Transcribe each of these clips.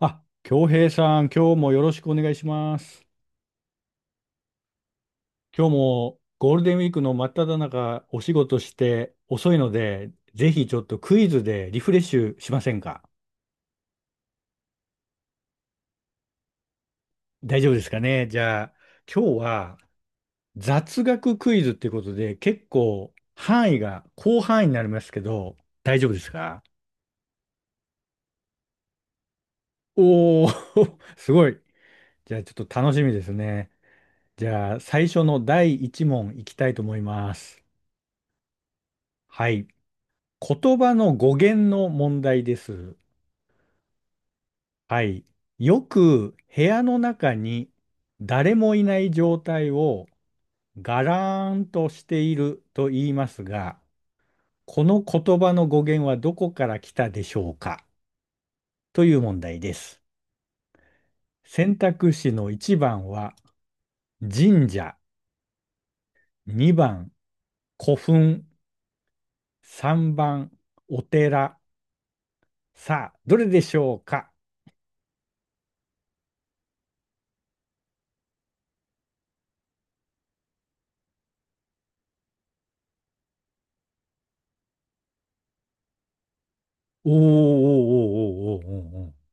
あ、京平さん、今日もよろしくお願いします。今日もゴールデンウィークの真っ只中、お仕事して遅いので、ぜひちょっとクイズでリフレッシュしませんか？大丈夫ですかね。じゃあ、今日は雑学クイズってことで、結構範囲が広範囲になりますけど、大丈夫ですか？おー、すごい。じゃあ、ちょっと楽しみですね。じゃあ、最初の第一問いきたいと思います。はい。言葉の語源の問題です。はい。よく部屋の中に誰もいない状態をガラーンとしていると言いますが、この言葉の語源はどこから来たでしょうかという問題です。選択肢の1番は神社、2番古墳、3番お寺。さあ、どれでしょうか？おーおーおーおーおーおーおー。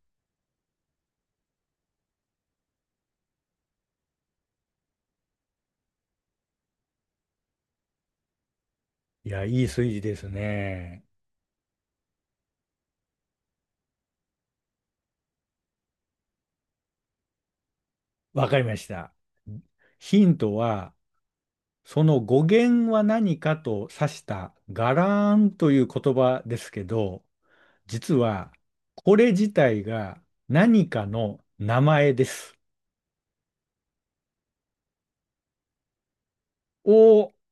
いや、いい数字ですね。わかりました。ヒントは、その語源は何かと指したガラーンという言葉ですけど、実はこれ自体が何かの名前です。おー、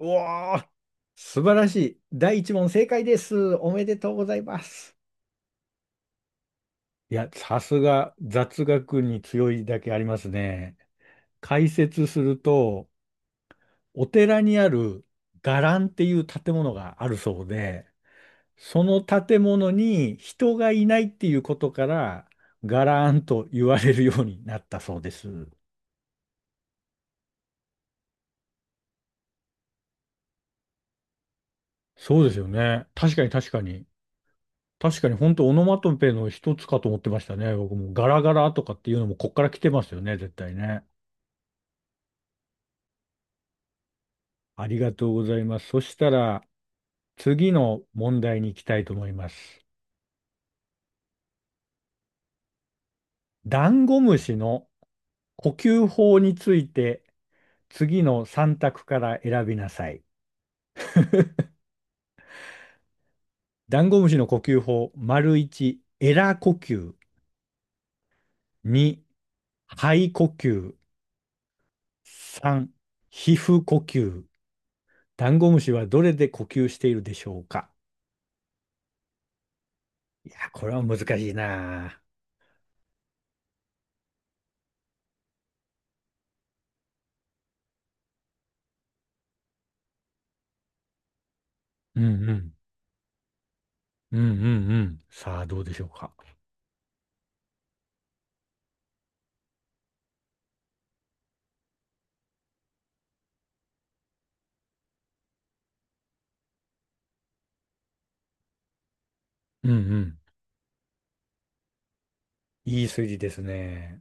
うわー、素晴らしい。第一問正解です。おめでとうございます。いや、さすが雑学に強いだけありますね。解説すると、お寺にある伽藍っていう建物があるそうで、その建物に人がいないっていうことから、伽藍と言われるようになったそうです。そうですよね。確かに確かに。確かに本当オノマトペの一つかと思ってましたね。僕もガラガラとかっていうのもこっから来てますよね、絶対ね。ありがとうございます。そしたら次の問題に行きたいと思います。ダンゴムシの呼吸法について次の3択から選びなさい。ダンゴムシの呼吸法、丸1、エラ呼吸、2、肺呼吸、3、皮膚呼吸。ダンゴムシはどれで呼吸しているでしょうか？いや、これは難しいな。うんうん。うんうんうん。さあ、どうでしょうか。うんうん。いい数字ですね。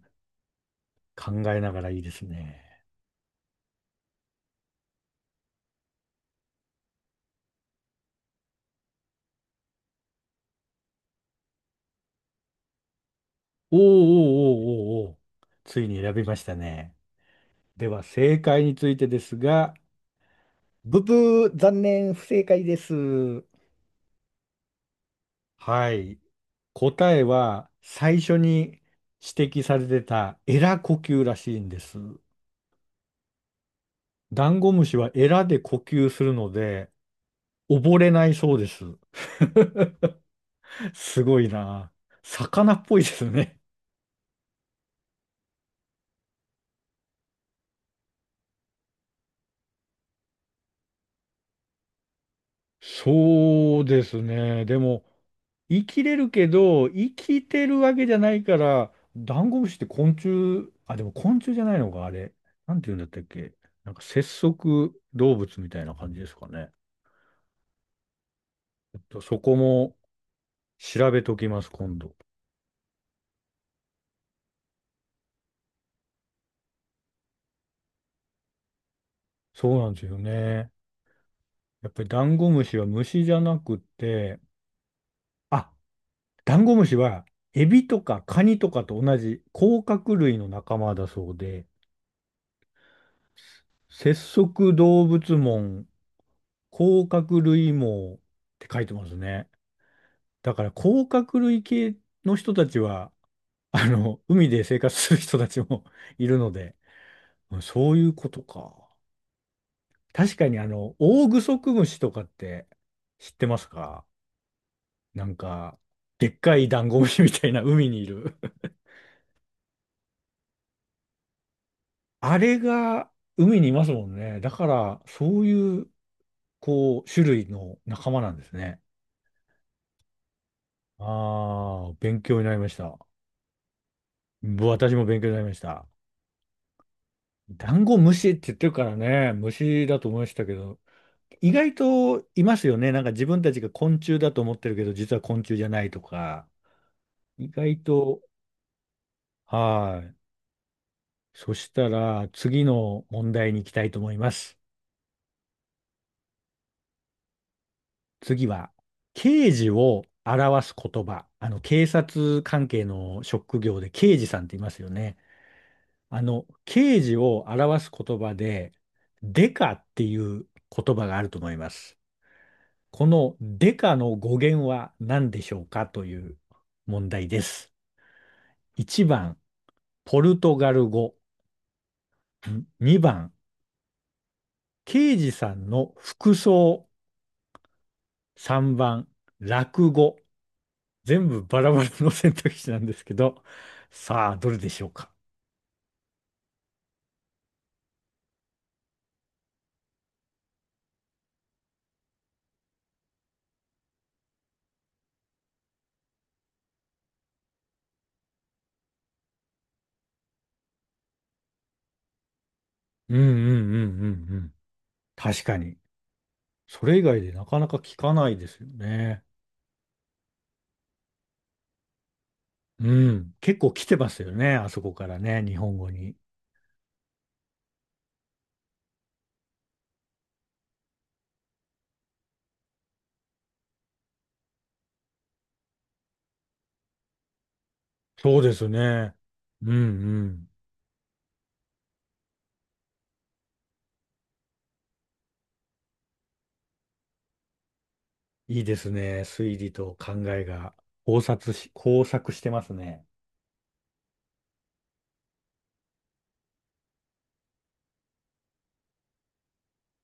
考えながらいいですね。おーおーおーおーおー。ついに選びましたね。では、正解についてですが、ブブー、残念、不正解です。はい。答えは最初に指摘されてたエラ呼吸らしいんです。ダンゴムシはエラで呼吸するので溺れないそうです。すごいな。魚っぽいですね。そうですね。でも、生きれるけど、生きてるわけじゃないから、ダンゴムシって昆虫、あ、でも昆虫じゃないのか、あれ。なんて言うんだったっけ。なんか節足動物みたいな感じですかね。ちょっとそこも調べときます、今度。そうなんですよね。やっぱりダンゴムシは虫じゃなくて、あ、ダンゴムシはエビとかカニとかと同じ甲殻類の仲間だそうで、節足動物門甲殻類網って書いてますね。だから甲殻類系の人たちは、海で生活する人たちも いるので、そういうことか。確かにオオグソクムシとかって知ってますか？なんか、でっかいダンゴムシみたいな海にいる。あれが海にいますもんね。だから、そういう、こう、種類の仲間なんですね。ああ、勉強になりました。私も勉強になりました。ダンゴムシって言ってるからね、虫だと思いましたけど、意外といますよね。なんか自分たちが昆虫だと思ってるけど、実は昆虫じゃないとか、意外と、はい。そしたら、次の問題に行きたいと思います。次は、刑事を表す言葉。警察関係の職業で刑事さんって言いますよね。刑事を表す言葉で、デカっていう言葉があると思います。このデカの語源は何でしょうかという問題です。1番、ポルトガル語。2番、刑事さんの服装。3番、落語。全部バラバラの選択肢なんですけど、さあ、どれでしょうか。うんうんうんうんうん。確かに。それ以外でなかなか聞かないですよね。うん。結構来てますよね。あそこからね、日本語に。そうですね。うんうん。いいですね。推理と考えが交錯してますね。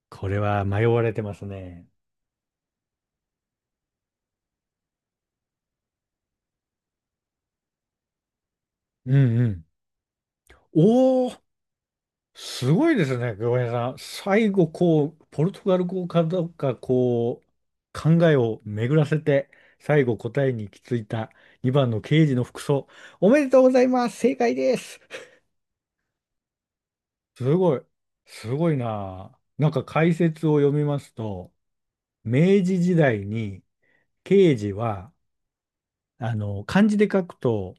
これは迷われてますね。うんうん。おー、すごいですね、久保さん。最後、こう、ポルトガル語かどうか、こう、考えを巡らせて、最後答えに行き着いた2番の刑事の服装。おめでとうございます。正解です。すごい。すごいなあ。なんか解説を読みますと、明治時代に刑事は漢字で書くと、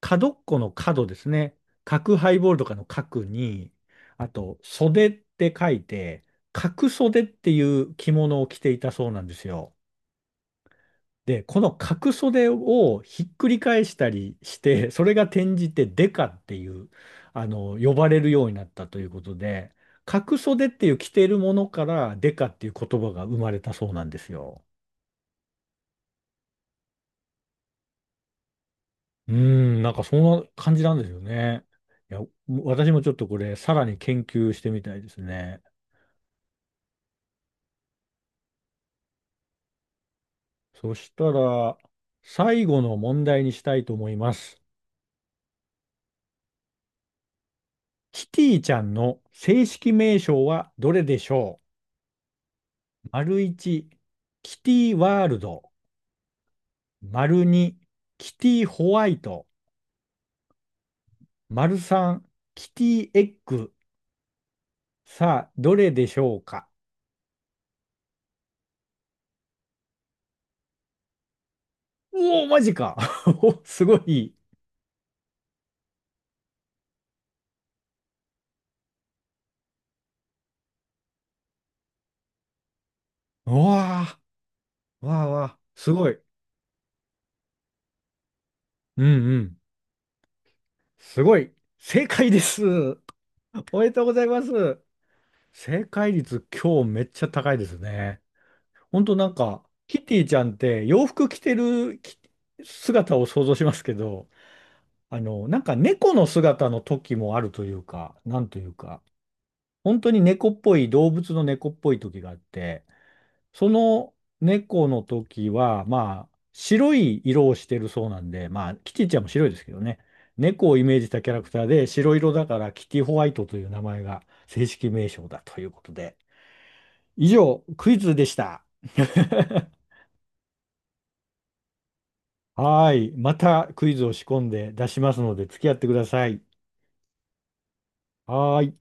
角っこの角ですね。角ハイボールとかの角に、あと、袖って書いて、角袖っていう着物を着ていたそうなんですよ。で、この角袖をひっくり返したりして、それが転じてデカっていう、呼ばれるようになったということで、角袖っていう着ているものからデカっていう言葉が生まれたそうなんですよ。うーん、なんかそんな感じなんですよね。いや、私もちょっとこれ、さらに研究してみたいですね。そしたら、最後の問題にしたいと思います。キティちゃんの正式名称はどれでしょう？丸1、キティワールド。丸2、キティホワイト。丸3、キティエッグ。さあ、どれでしょうか？おおー、マジか？ おすごい。うわあ、わあわあ、すごい。うんうん。すごい。正解です。おめでとうございます。正解率今日めっちゃ高いですね。ほんとなんか、キティちゃんって洋服着てるき姿を想像しますけど、なんか猫の姿の時もあるというか、なんというか、本当に猫っぽい、動物の猫っぽい時があって、その猫の時は、まあ、白い色をしてるそうなんで、まあ、キティちゃんも白いですけどね。猫をイメージしたキャラクターで、白色だからキティホワイトという名前が正式名称だということで。以上、クイズでした。はーい。またクイズを仕込んで出しますので、付き合ってください。はーい。